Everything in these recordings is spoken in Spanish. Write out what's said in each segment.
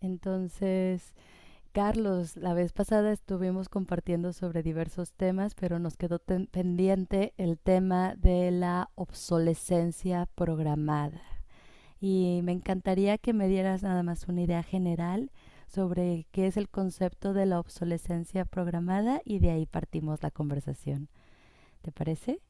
Entonces, Carlos, la vez pasada estuvimos compartiendo sobre diversos temas, pero nos quedó pendiente el tema de la obsolescencia programada. Y me encantaría que me dieras nada más una idea general sobre qué es el concepto de la obsolescencia programada y de ahí partimos la conversación. ¿Te parece?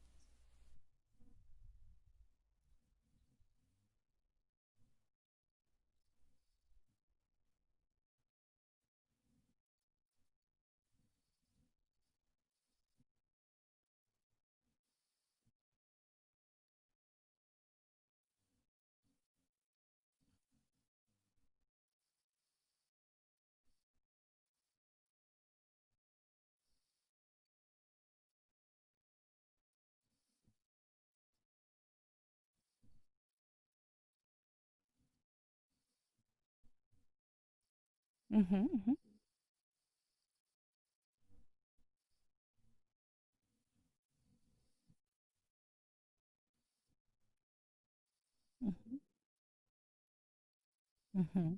Ujú, ujú, ujú,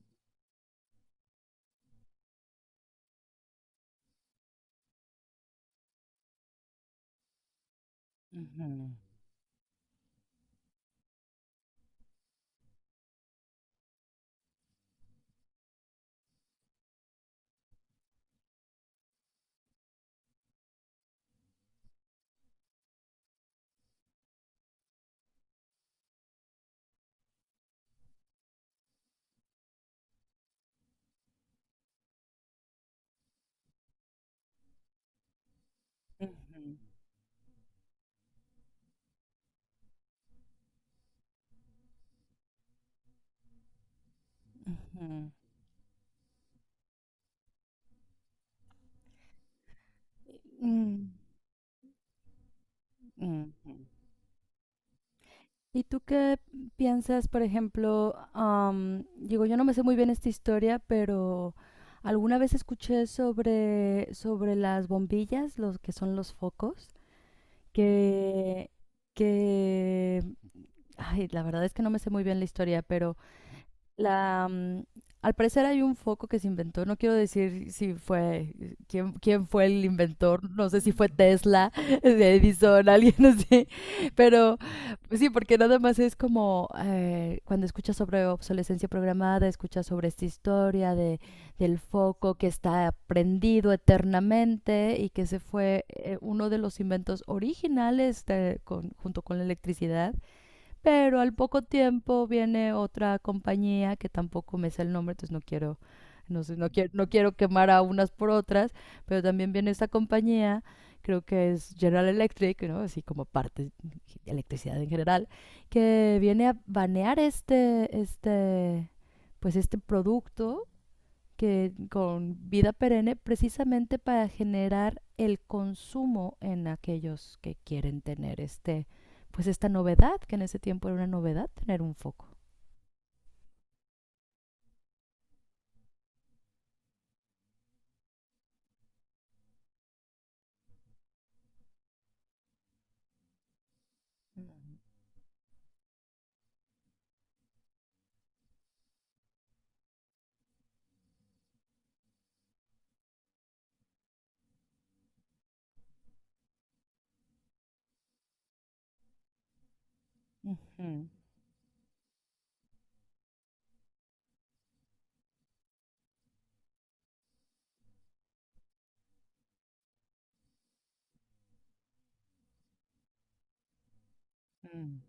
ujú, ujú, ujú, ujú, mm, ujú. ¿Y tú qué piensas, por ejemplo, digo, yo no me sé muy bien esta historia, pero alguna vez escuché sobre las bombillas, los que son los focos, que, que, ay, la verdad es que no me sé muy bien la historia, pero la, mm, al parecer hay un foco que se inventó. No quiero decir si fue, quién, quién fue el inventor. No sé si fue Tesla, Edison, alguien así, pero sí, porque nada más es como cuando escuchas sobre obsolescencia programada, escuchas sobre esta historia del foco que está prendido eternamente y que se fue uno de los inventos originales junto con la electricidad. Pero al poco tiempo viene otra compañía que tampoco me sé el nombre, entonces no quiero, no sé, no quiero quemar a unas por otras, pero también viene esta compañía, creo que es General Electric, ¿no? Así como parte de electricidad en general, que viene a banear pues este producto que con vida perenne, precisamente para generar el consumo en aquellos que quieren tener este, pues esta novedad, que en ese tiempo era una novedad tener un foco. Ujú, mm,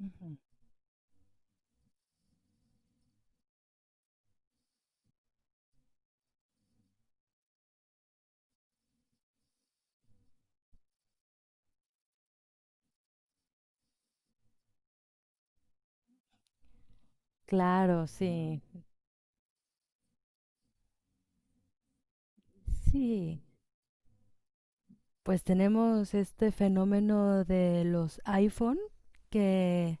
ujú. Claro, sí. Sí, pues tenemos este fenómeno de los iPhone, que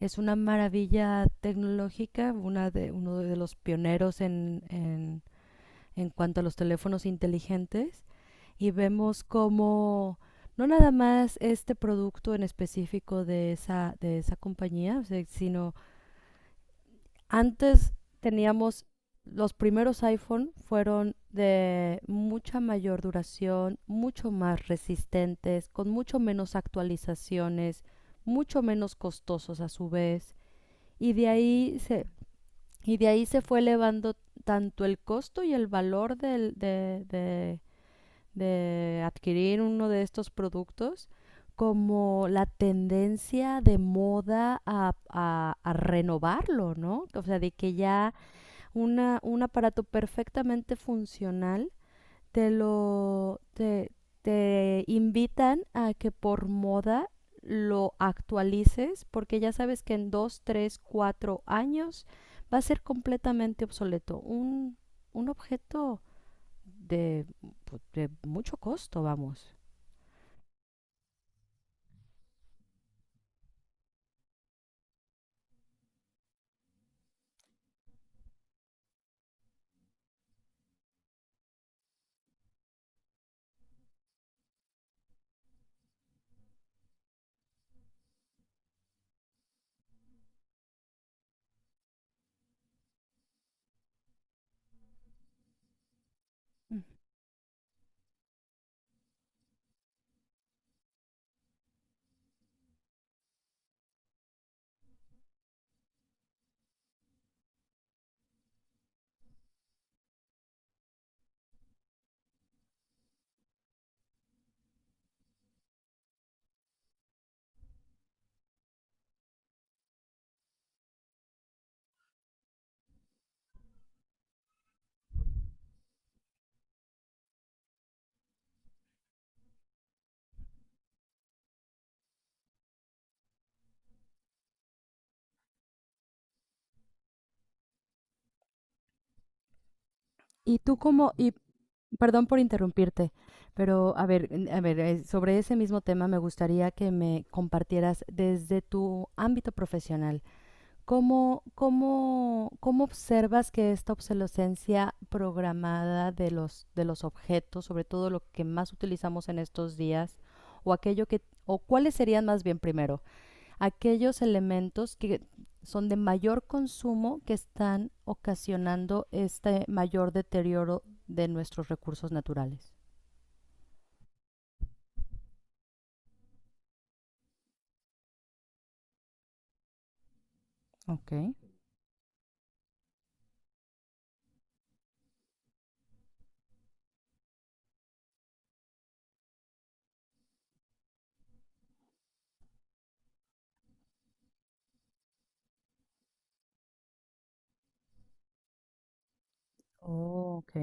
es una maravilla tecnológica, una de, uno de los pioneros en cuanto a los teléfonos inteligentes, y vemos cómo no nada más este producto en específico de esa compañía, o sea, sino antes teníamos, los primeros iPhone fueron de mucha mayor duración, mucho más resistentes, con mucho menos actualizaciones, mucho menos costosos a su vez, y y de ahí se fue elevando tanto el costo y el valor del, de adquirir uno de estos productos, como la tendencia de moda a, a renovarlo, ¿no? O sea, de que ya una, un aparato perfectamente funcional te lo te, te invitan a que por moda lo actualices, porque ya sabes que en dos, tres, cuatro años va a ser completamente obsoleto. Un objeto de, de mucho costo, vamos. Y tú como, y perdón por interrumpirte, pero a ver, sobre ese mismo tema me gustaría que me compartieras desde tu ámbito profesional. ¿Cómo, cómo, cómo observas que esta obsolescencia programada de los objetos, sobre todo lo que más utilizamos en estos días, o aquello que, o cuáles serían más bien primero, aquellos elementos que son de mayor consumo que están ocasionando este mayor deterioro de nuestros recursos naturales? Ok. Oh, ok.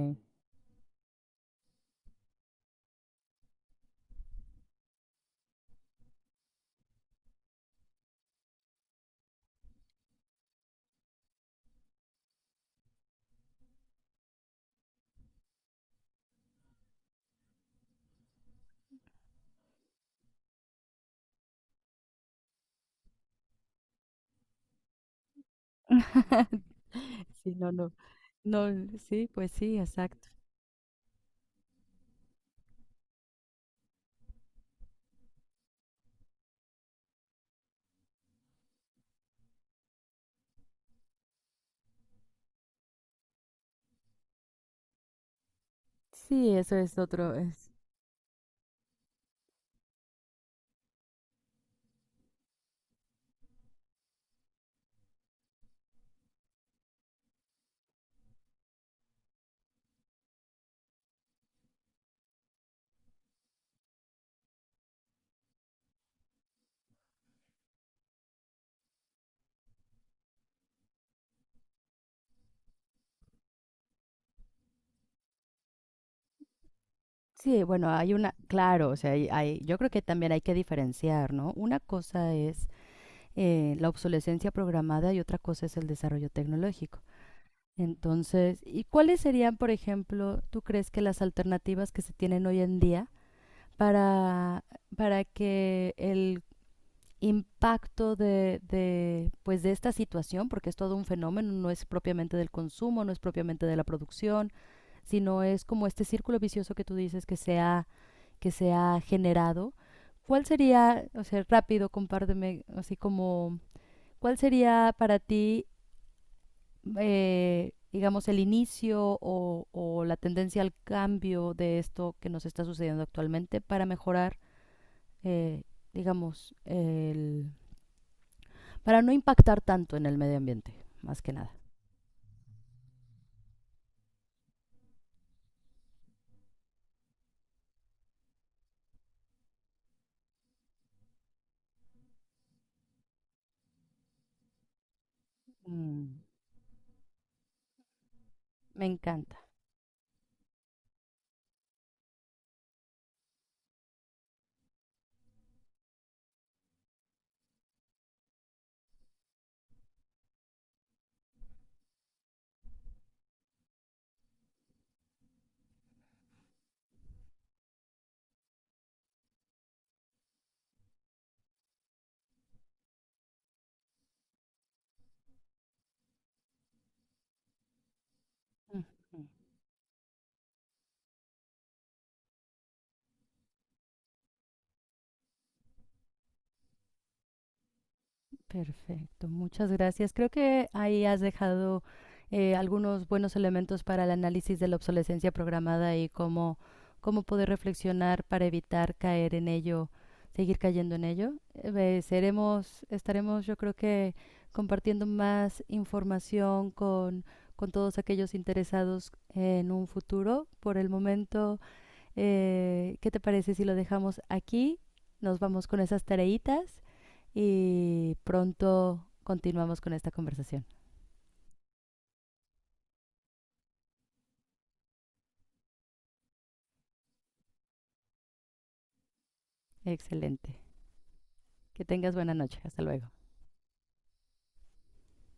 Sí, no, no. No, sí, pues sí, exacto. Sí, eso es otro, es. Sí, bueno, hay una, claro, o sea, hay, yo creo que también hay que diferenciar, ¿no? Una cosa es la obsolescencia programada y otra cosa es el desarrollo tecnológico. Entonces, ¿y cuáles serían, por ejemplo, tú crees que las alternativas que se tienen hoy en día para, para que el impacto de, pues de esta situación, porque es todo un fenómeno, no es propiamente del consumo, no es propiamente de la producción, sino es como este círculo vicioso que tú dices que que se ha generado? ¿Cuál sería, o sea, rápido, compárteme, así como, cuál sería para ti, digamos, el inicio o la tendencia al cambio de esto que nos está sucediendo actualmente para mejorar, eh, digamos, el, para no impactar tanto en el medio ambiente, más que nada. Mm, me encanta. Perfecto, muchas gracias. Creo que ahí has dejado algunos buenos elementos para el análisis de la obsolescencia programada y cómo, cómo poder reflexionar para evitar caer en ello, seguir cayendo en ello. Seremos, estaremos, yo creo que compartiendo más información con todos aquellos interesados en un futuro. Por el momento, ¿qué te parece si lo dejamos aquí? Nos vamos con esas tareitas y pronto continuamos con esta conversación. Excelente. Que tengas buena noche. Hasta luego.